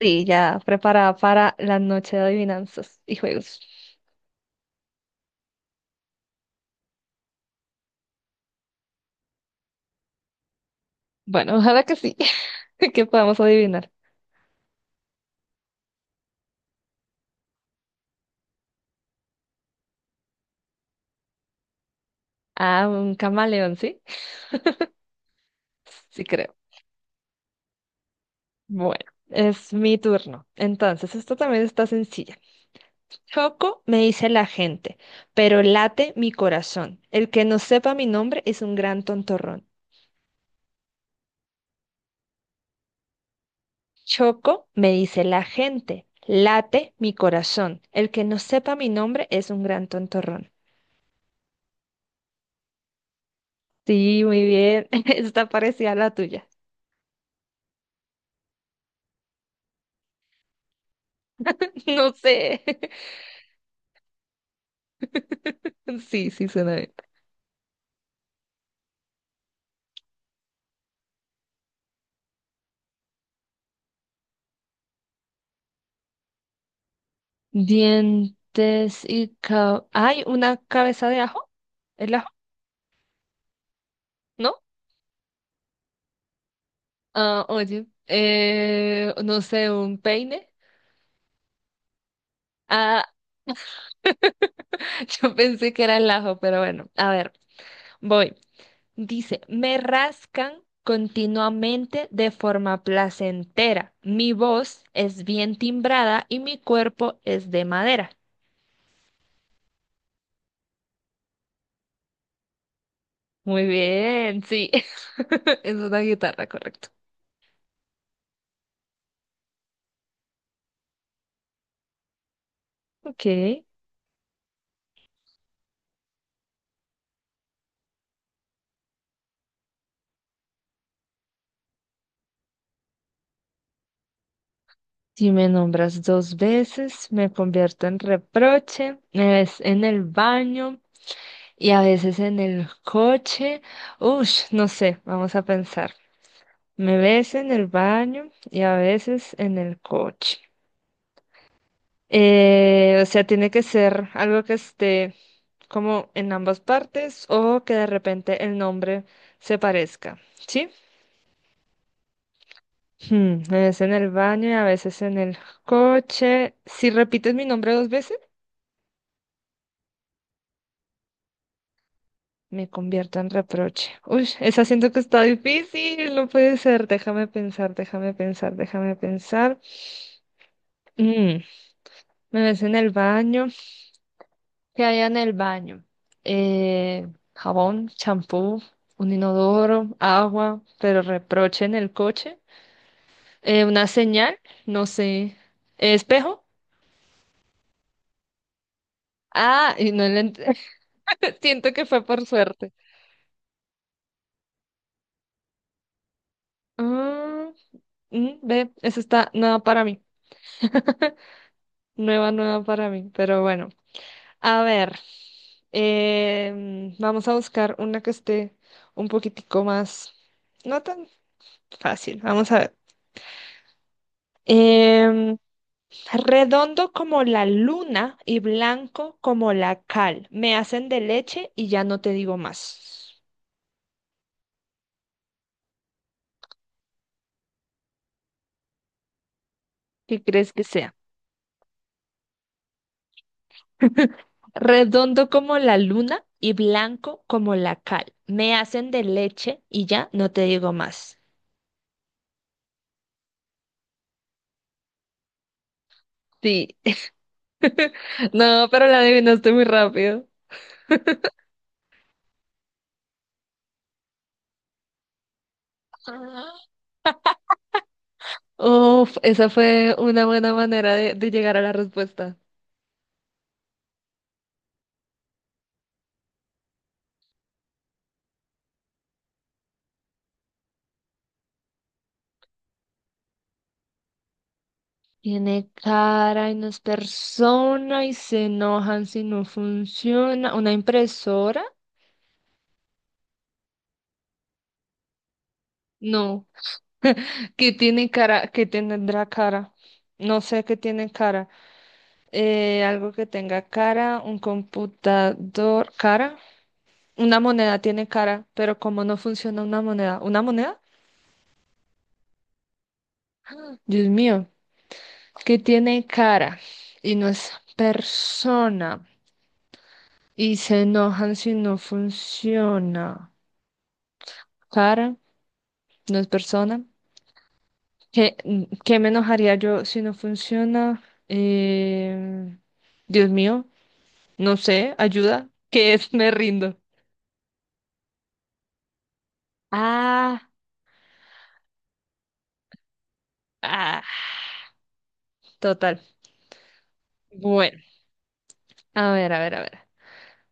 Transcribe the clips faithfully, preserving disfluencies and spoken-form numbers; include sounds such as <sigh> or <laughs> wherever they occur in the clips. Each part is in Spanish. Sí, ya preparada para la noche de adivinanzas y juegos. Bueno, ojalá que sí, <laughs> que podamos adivinar. Ah, un camaleón, ¿sí? Sí creo. Bueno, es mi turno. Entonces, esto también está sencilla. Choco me dice la gente, pero late mi corazón. El que no sepa mi nombre es un gran tontorrón. Choco me dice la gente, late mi corazón. El que no sepa mi nombre es un gran tontorrón. Sí, muy bien. <laughs> Está parecida a la tuya. <laughs> No sé. <laughs> Sí, sí, suena bien. Dientes y cab... ¿Hay una cabeza de ajo? ¿El ajo? ¿No? Ah, oye, eh, no sé, un peine. Ah, <laughs> yo pensé que era el ajo, pero bueno, a ver, voy. Dice, me rascan continuamente de forma placentera. Mi voz es bien timbrada y mi cuerpo es de madera. Muy bien, sí. <laughs> Es una guitarra, correcto. Ok. Si me nombras dos veces, me convierto en reproche, es en el baño y a veces en el coche. Ush, no sé, vamos a pensar. Me ves en el baño y a veces en el coche. Eh, o sea, tiene que ser algo que esté como en ambas partes o que de repente el nombre se parezca, ¿sí? Hmm, me ves en el baño y a veces en el coche. Si repites mi nombre dos veces. Me convierto en reproche. Uy, esa siento que está difícil, no puede ser. Déjame pensar, déjame pensar, déjame pensar. Mm, me ves en el baño. ¿Qué hay en el baño? Eh, Jabón, champú, un inodoro, agua, pero reproche en el coche. Eh, una señal, no sé. ¿Espejo? Ah, y no le ent- <laughs> siento que fue por suerte. Ah, mm, ve, eso está nueva para mí. Nueva, nueva para mí, pero bueno. A ver, em, vamos a buscar una que esté un poquitico más, no tan fácil. Vamos a ver. Em, Redondo como la luna y blanco como la cal. Me hacen de leche y ya no te digo más. ¿Qué crees que sea? Redondo como la luna y blanco como la cal. Me hacen de leche y ya no te digo más. Sí. <laughs> No, pero la adivinaste muy rápido. Uf, esa fue una buena manera de, de llegar a la respuesta. Tiene cara y no es persona y se enojan si no funciona. ¿Una impresora? No. ¿Qué tiene cara? ¿Qué tendrá cara? No sé qué tiene cara. Eh, algo que tenga cara, un computador, cara. Una moneda tiene cara, pero ¿cómo no funciona una moneda? ¿Una moneda? <gasps> Dios mío, ¿qué tiene cara? Y no es persona. Y se enojan si no funciona. Cara, no es persona. ¿Qué, ¿Qué me enojaría yo si no funciona? Eh, Dios mío, no sé, ayuda. ¿Qué es? Me rindo. Ah, ah, total. Bueno, a ver, a ver, a ver.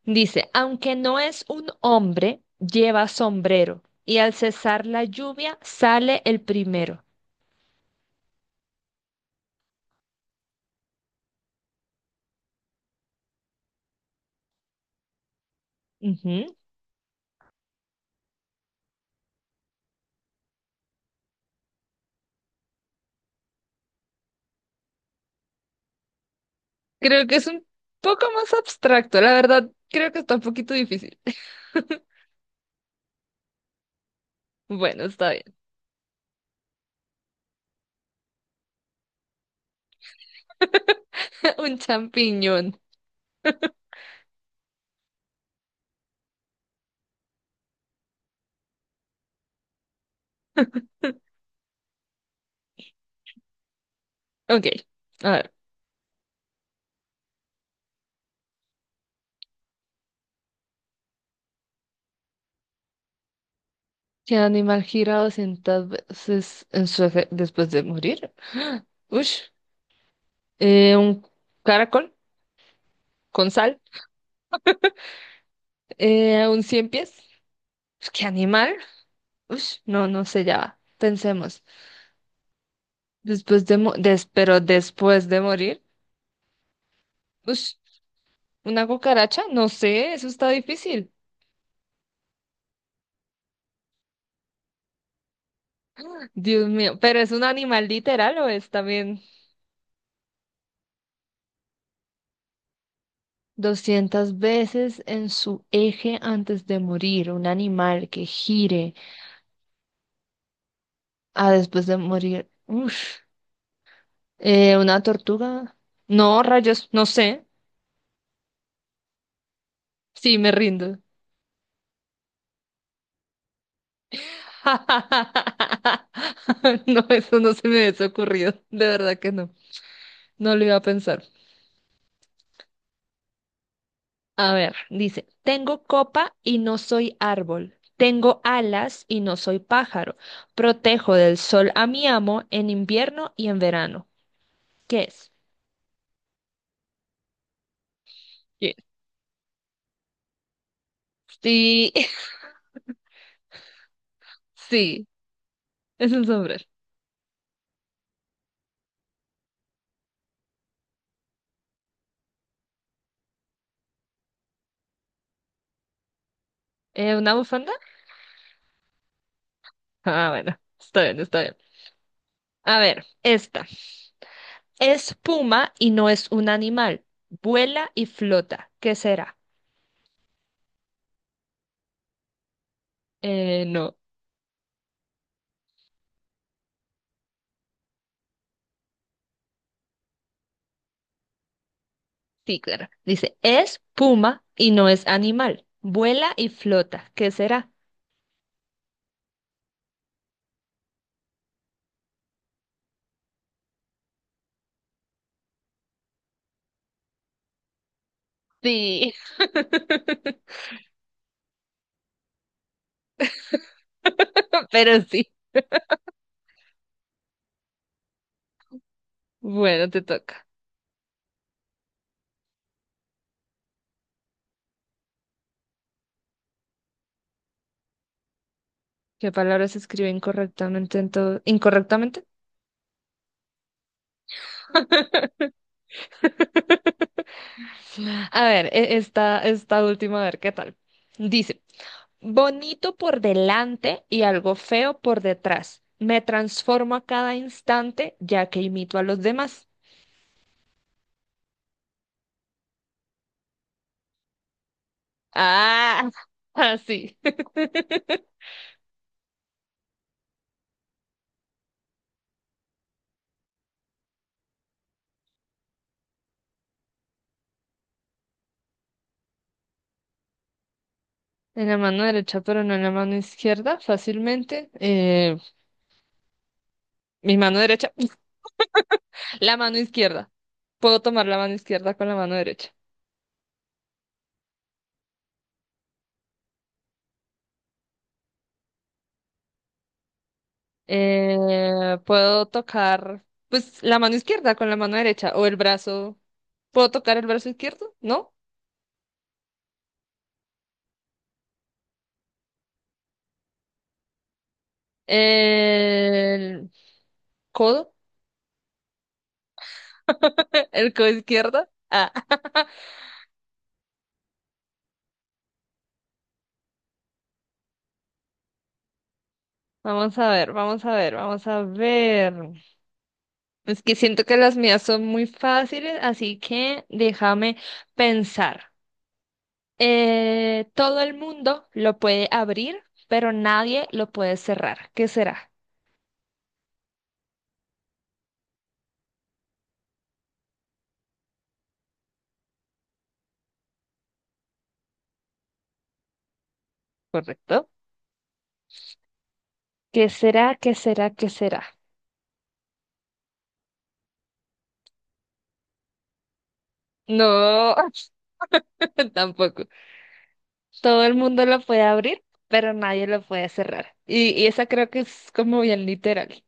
Dice, aunque no es un hombre, lleva sombrero y al cesar la lluvia sale el primero. Creo que es un poco más abstracto, la verdad, creo que está un poquito difícil. <laughs> Bueno, está bien. <laughs> Un champiñón. Ok, a ver. ¿Qué animal gira doscientas veces en su eje después de morir? <gasps> Ush. Eh, un caracol con sal. Eh, un cien pies. Pues, ¿qué animal? Ush, no, no sé, ya va. Pensemos. Después de, mo- des- Pero después de morir. Ush, una cucaracha, no sé, eso está difícil. Dios mío, ¿pero es un animal literal o es también doscientas veces en su eje antes de morir? Un animal que gire a después de morir. Uf. Eh, ¿una tortuga? No, rayos, no sé. Sí, me rindo. <laughs> No, eso no se me hubiese ocurrido. De verdad que no. No lo iba a pensar. A ver, dice, tengo copa y no soy árbol, tengo alas y no soy pájaro, protejo del sol a mi amo en invierno y en verano. ¿Qué es? ¿Qué es? Sí, <laughs> sí, es un sombrero. ¿Eh, una bufanda? Ah, bueno, está bien, está bien. A ver, esta. Es puma y no es un animal, vuela y flota. ¿Qué será? Eh, no, sí, claro. Dice, es puma y no es animal, vuela y flota. ¿Qué será? Sí, <laughs> pero sí. Bueno, te toca. ¿Qué palabra se escribe incorrectamente en todo? ¿Incorrectamente? <laughs> A ver, e- esta, esta última, a ver qué tal. Dice, bonito por delante y algo feo por detrás. Me transformo a cada instante ya que imito a los demás. Ah, así. <laughs> En la mano derecha, pero no en la mano izquierda, fácilmente. Eh, mi mano derecha. La mano izquierda. Puedo tomar la mano izquierda con la mano derecha. Eh, puedo tocar, pues, la mano izquierda con la mano derecha o el brazo. ¿Puedo tocar el brazo izquierdo? ¿No? El codo, <laughs> el codo izquierdo. Ah. <laughs> Vamos a ver, vamos a ver, vamos a ver. Es que siento que las mías son muy fáciles, así que déjame pensar. Eh, todo el mundo lo puede abrir, pero nadie lo puede cerrar. ¿Qué será? ¿Correcto? ¿Qué será? ¿Qué será? ¿Qué será? No, <laughs> tampoco. Todo el mundo lo puede abrir, pero nadie lo puede cerrar. Y, y esa creo que es como bien literal.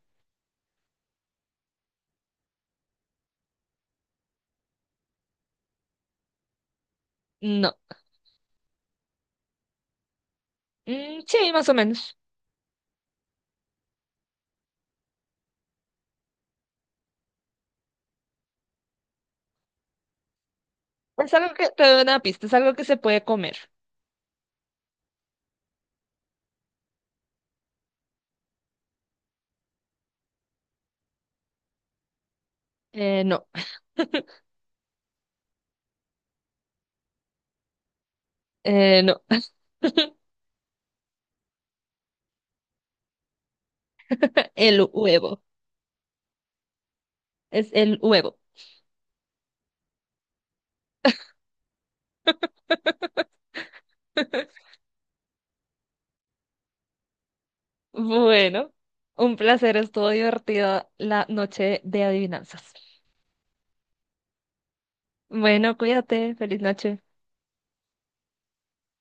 No. Mm, sí, más o menos. Es algo que te doy una pista, es algo que se puede comer. Eh, no, eh, no. <laughs> El huevo. Es el huevo. Bueno, un placer, estuvo divertida la noche de adivinanzas. Bueno, cuídate, feliz noche.